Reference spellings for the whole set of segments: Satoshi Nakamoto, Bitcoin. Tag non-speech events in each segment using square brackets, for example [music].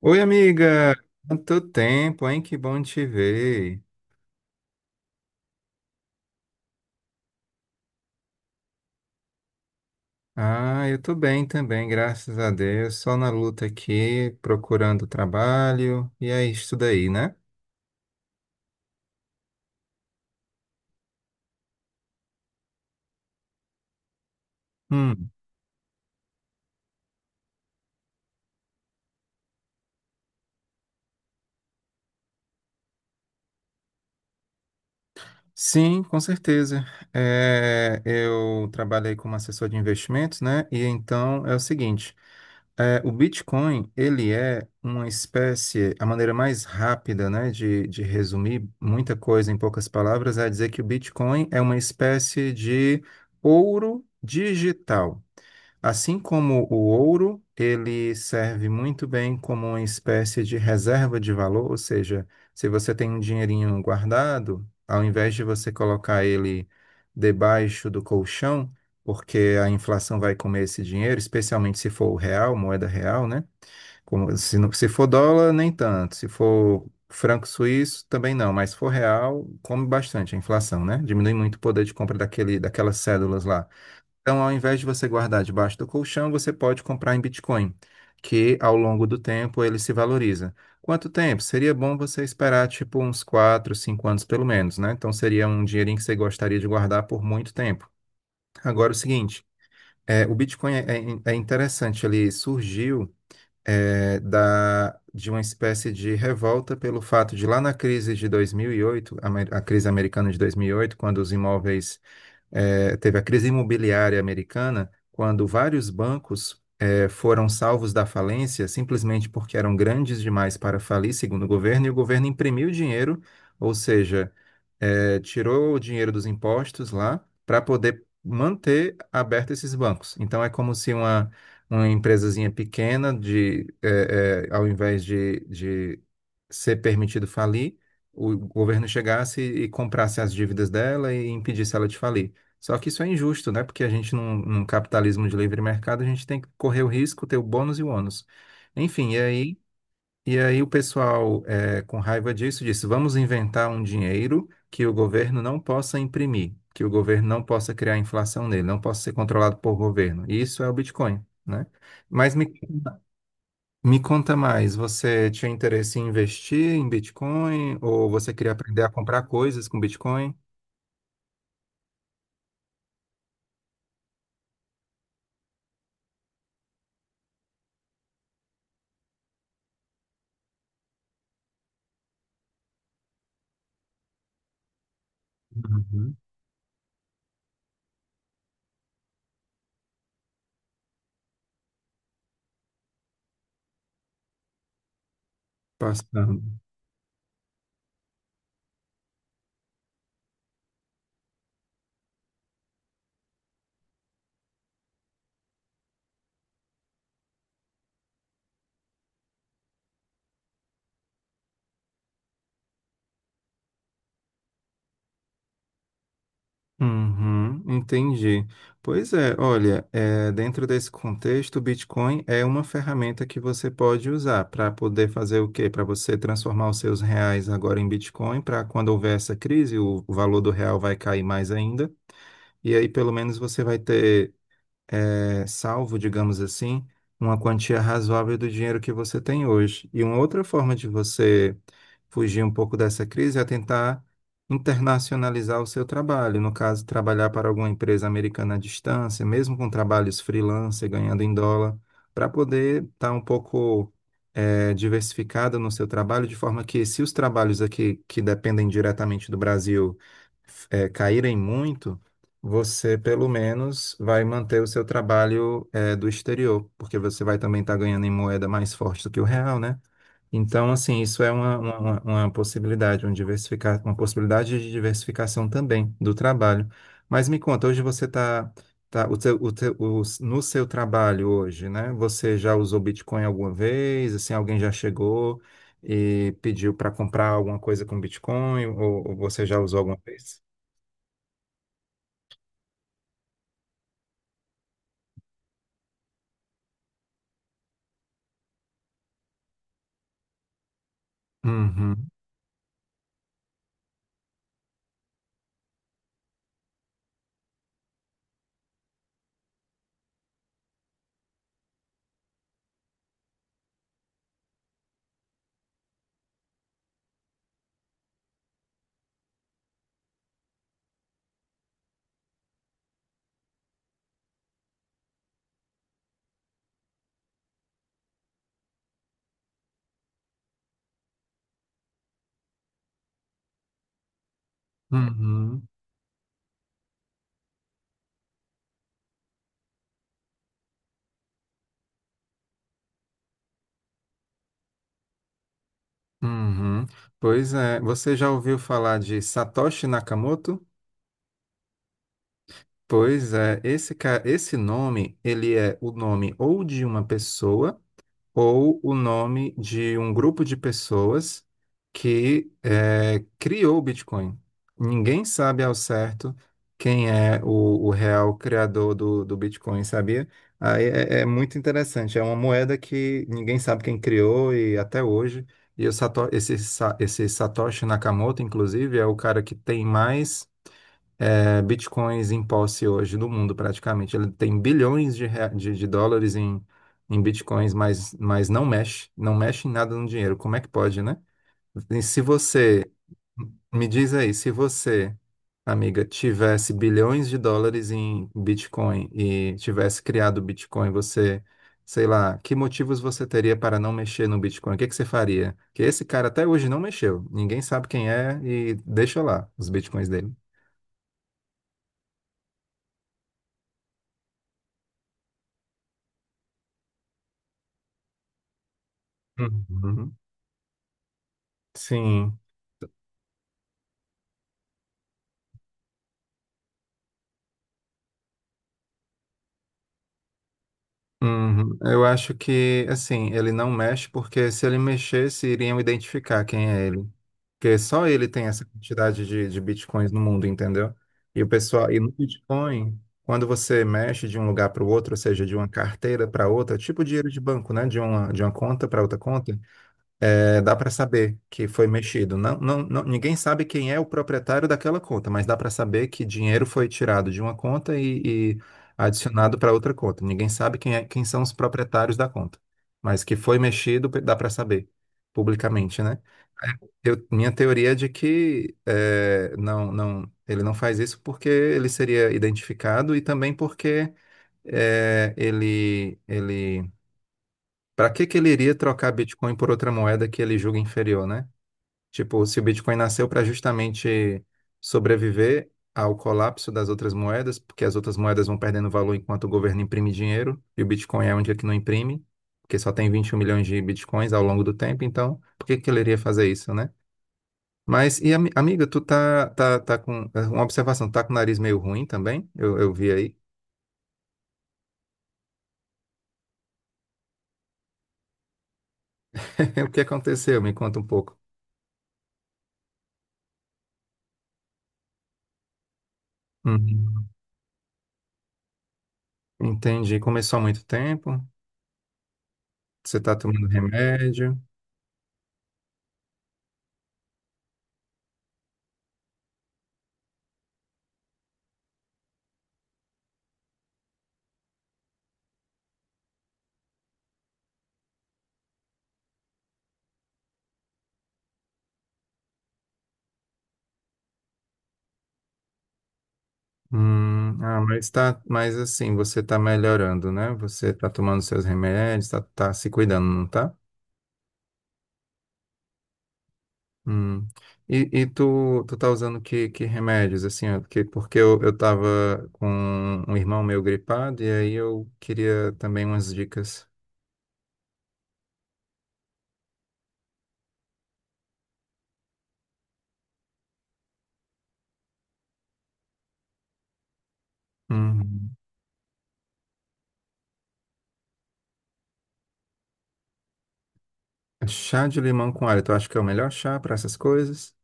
Oi, amiga! Quanto tempo, hein? Que bom te ver. Ah, eu tô bem também, graças a Deus. Só na luta aqui, procurando trabalho, e é isso daí, né? Hum. Sim, com certeza. É, eu trabalhei como assessor de investimentos, né? E então é o seguinte. É, o Bitcoin, ele é uma espécie, a maneira mais rápida, né, de resumir muita coisa em poucas palavras é dizer que o Bitcoin é uma espécie de ouro digital. Assim como o ouro, ele serve muito bem como uma espécie de reserva de valor, ou seja, se você tem um dinheirinho guardado, ao invés de você colocar ele debaixo do colchão, porque a inflação vai comer esse dinheiro, especialmente se for o real, moeda real, né? Como, se for dólar, nem tanto. Se for franco suíço, também não. Mas se for real, come bastante a inflação, né? Diminui muito o poder de compra daquelas cédulas lá. Então, ao invés de você guardar debaixo do colchão, você pode comprar em Bitcoin, que ao longo do tempo ele se valoriza. Quanto tempo? Seria bom você esperar, tipo, uns 4, 5 anos pelo menos, né? Então, seria um dinheirinho que você gostaria de guardar por muito tempo. Agora, é o seguinte. É, o Bitcoin é interessante, ele surgiu de uma espécie de revolta pelo fato de lá na crise de 2008, a crise americana de 2008, quando os imóveis, teve a crise imobiliária americana, quando vários bancos foram salvos da falência simplesmente porque eram grandes demais para falir, segundo o governo, e o governo imprimiu dinheiro, ou seja, tirou o dinheiro dos impostos lá para poder manter aberto esses bancos. Então é como se uma empresazinha pequena de ao invés de ser permitido falir, o governo chegasse e comprasse as dívidas dela e impedisse ela de falir. Só que isso é injusto, né? Porque a gente, num capitalismo de livre mercado, a gente tem que correr o risco, ter o bônus e o ônus. Enfim, e aí o pessoal, com raiva disso, disse: vamos inventar um dinheiro que o governo não possa imprimir, que o governo não possa criar inflação nele, não possa ser controlado por governo. E isso é o Bitcoin, né? Mas me conta mais, você tinha interesse em investir em Bitcoin ou você queria aprender a comprar coisas com Bitcoin? Uhum. Passando. Uhum, entendi. Pois é, olha, dentro desse contexto, o Bitcoin é uma ferramenta que você pode usar para poder fazer o quê? Para você transformar os seus reais agora em Bitcoin, para quando houver essa crise, o valor do real vai cair mais ainda. E aí, pelo menos, você vai ter salvo, digamos assim, uma quantia razoável do dinheiro que você tem hoje. E uma outra forma de você fugir um pouco dessa crise é tentar internacionalizar o seu trabalho. No caso, trabalhar para alguma empresa americana à distância, mesmo com trabalhos freelance, ganhando em dólar, para poder estar um pouco, diversificado no seu trabalho, de forma que se os trabalhos aqui que dependem diretamente do Brasil caírem muito, você pelo menos vai manter o seu trabalho do exterior, porque você vai também estar ganhando em moeda mais forte do que o real, né? Então, assim, isso é uma possibilidade, um diversificar, uma possibilidade de diversificação também do trabalho. Mas me conta, hoje você está tá, tá- o teu- os- no seu trabalho hoje, né? Você já usou Bitcoin alguma vez? Assim, alguém já chegou e pediu para comprar alguma coisa com Bitcoin? Ou você já usou alguma vez? Uhum, uhum. Uhum. Pois é, você já ouviu falar de Satoshi Nakamoto? Pois é, esse nome, ele é o nome ou de uma pessoa ou o nome de um grupo de pessoas que criou o Bitcoin. Ninguém sabe ao certo quem é o real criador do Bitcoin, sabia? Aí é muito interessante. É uma moeda que ninguém sabe quem criou e até hoje. E o esse Satoshi Nakamoto, inclusive, é o cara que tem mais bitcoins em posse hoje no mundo, praticamente. Ele tem bilhões de dólares em bitcoins, mas não mexe, não mexe em nada no dinheiro. Como é que pode, né? E se você, me diz aí, se você, amiga, tivesse bilhões de dólares em Bitcoin e tivesse criado o Bitcoin, você, sei lá, que motivos você teria para não mexer no Bitcoin? O que que você faria? Que esse cara até hoje não mexeu. Ninguém sabe quem é e deixa lá os Bitcoins dele. Uhum. Sim. Uhum. Eu acho que, assim, ele não mexe porque se ele mexesse, iriam identificar quem é ele. Porque só ele tem essa quantidade de bitcoins no mundo, entendeu? E o pessoal, e no Bitcoin, quando você mexe de um lugar para o outro, ou seja, de uma carteira para outra, tipo dinheiro de banco, né? De uma conta para outra conta, é, dá para saber que foi mexido. Ninguém sabe quem é o proprietário daquela conta, mas dá para saber que dinheiro foi tirado de uma conta e adicionado para outra conta. Ninguém sabe quem é, quem são os proprietários da conta, mas que foi mexido, dá para saber publicamente, né? Minha teoria é de que não, não, ele não faz isso porque ele seria identificado e também porque é, ele, ele, para que que ele iria trocar Bitcoin por outra moeda que ele julga inferior, né? Tipo, se o Bitcoin nasceu para justamente sobreviver ao colapso das outras moedas, porque as outras moedas vão perdendo valor enquanto o governo imprime dinheiro, e o Bitcoin é onde é que não imprime, porque só tem 21 milhões de Bitcoins ao longo do tempo, então por que que ele iria fazer isso, né? Mas, e amiga, tu tá com uma observação, tá com o nariz meio ruim também? Eu vi aí. [laughs] O que aconteceu? Me conta um pouco. Uhum. Entendi. Começou há muito tempo? Você tá tomando remédio? Ah, mas tá, mas assim, você tá melhorando, né? Você tá tomando seus remédios, tá se cuidando, não tá? Hum. E tu tá usando que remédios, assim, ó, porque eu tava com um irmão meu gripado e aí eu queria também umas dicas. Hum. Chá de limão com alho, tu acha que é o melhor chá para essas coisas?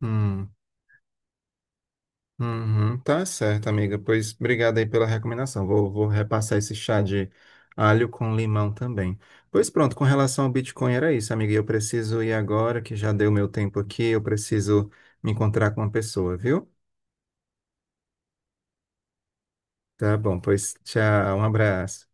Hum. Uhum, tá certo, amiga. Pois obrigado aí pela recomendação. Vou repassar esse chá de alho com limão também. Pois pronto, com relação ao Bitcoin era isso, amiga. E eu preciso ir agora, que já deu meu tempo aqui. Eu preciso me encontrar com uma pessoa, viu? Tá bom, pois tchau, um abraço.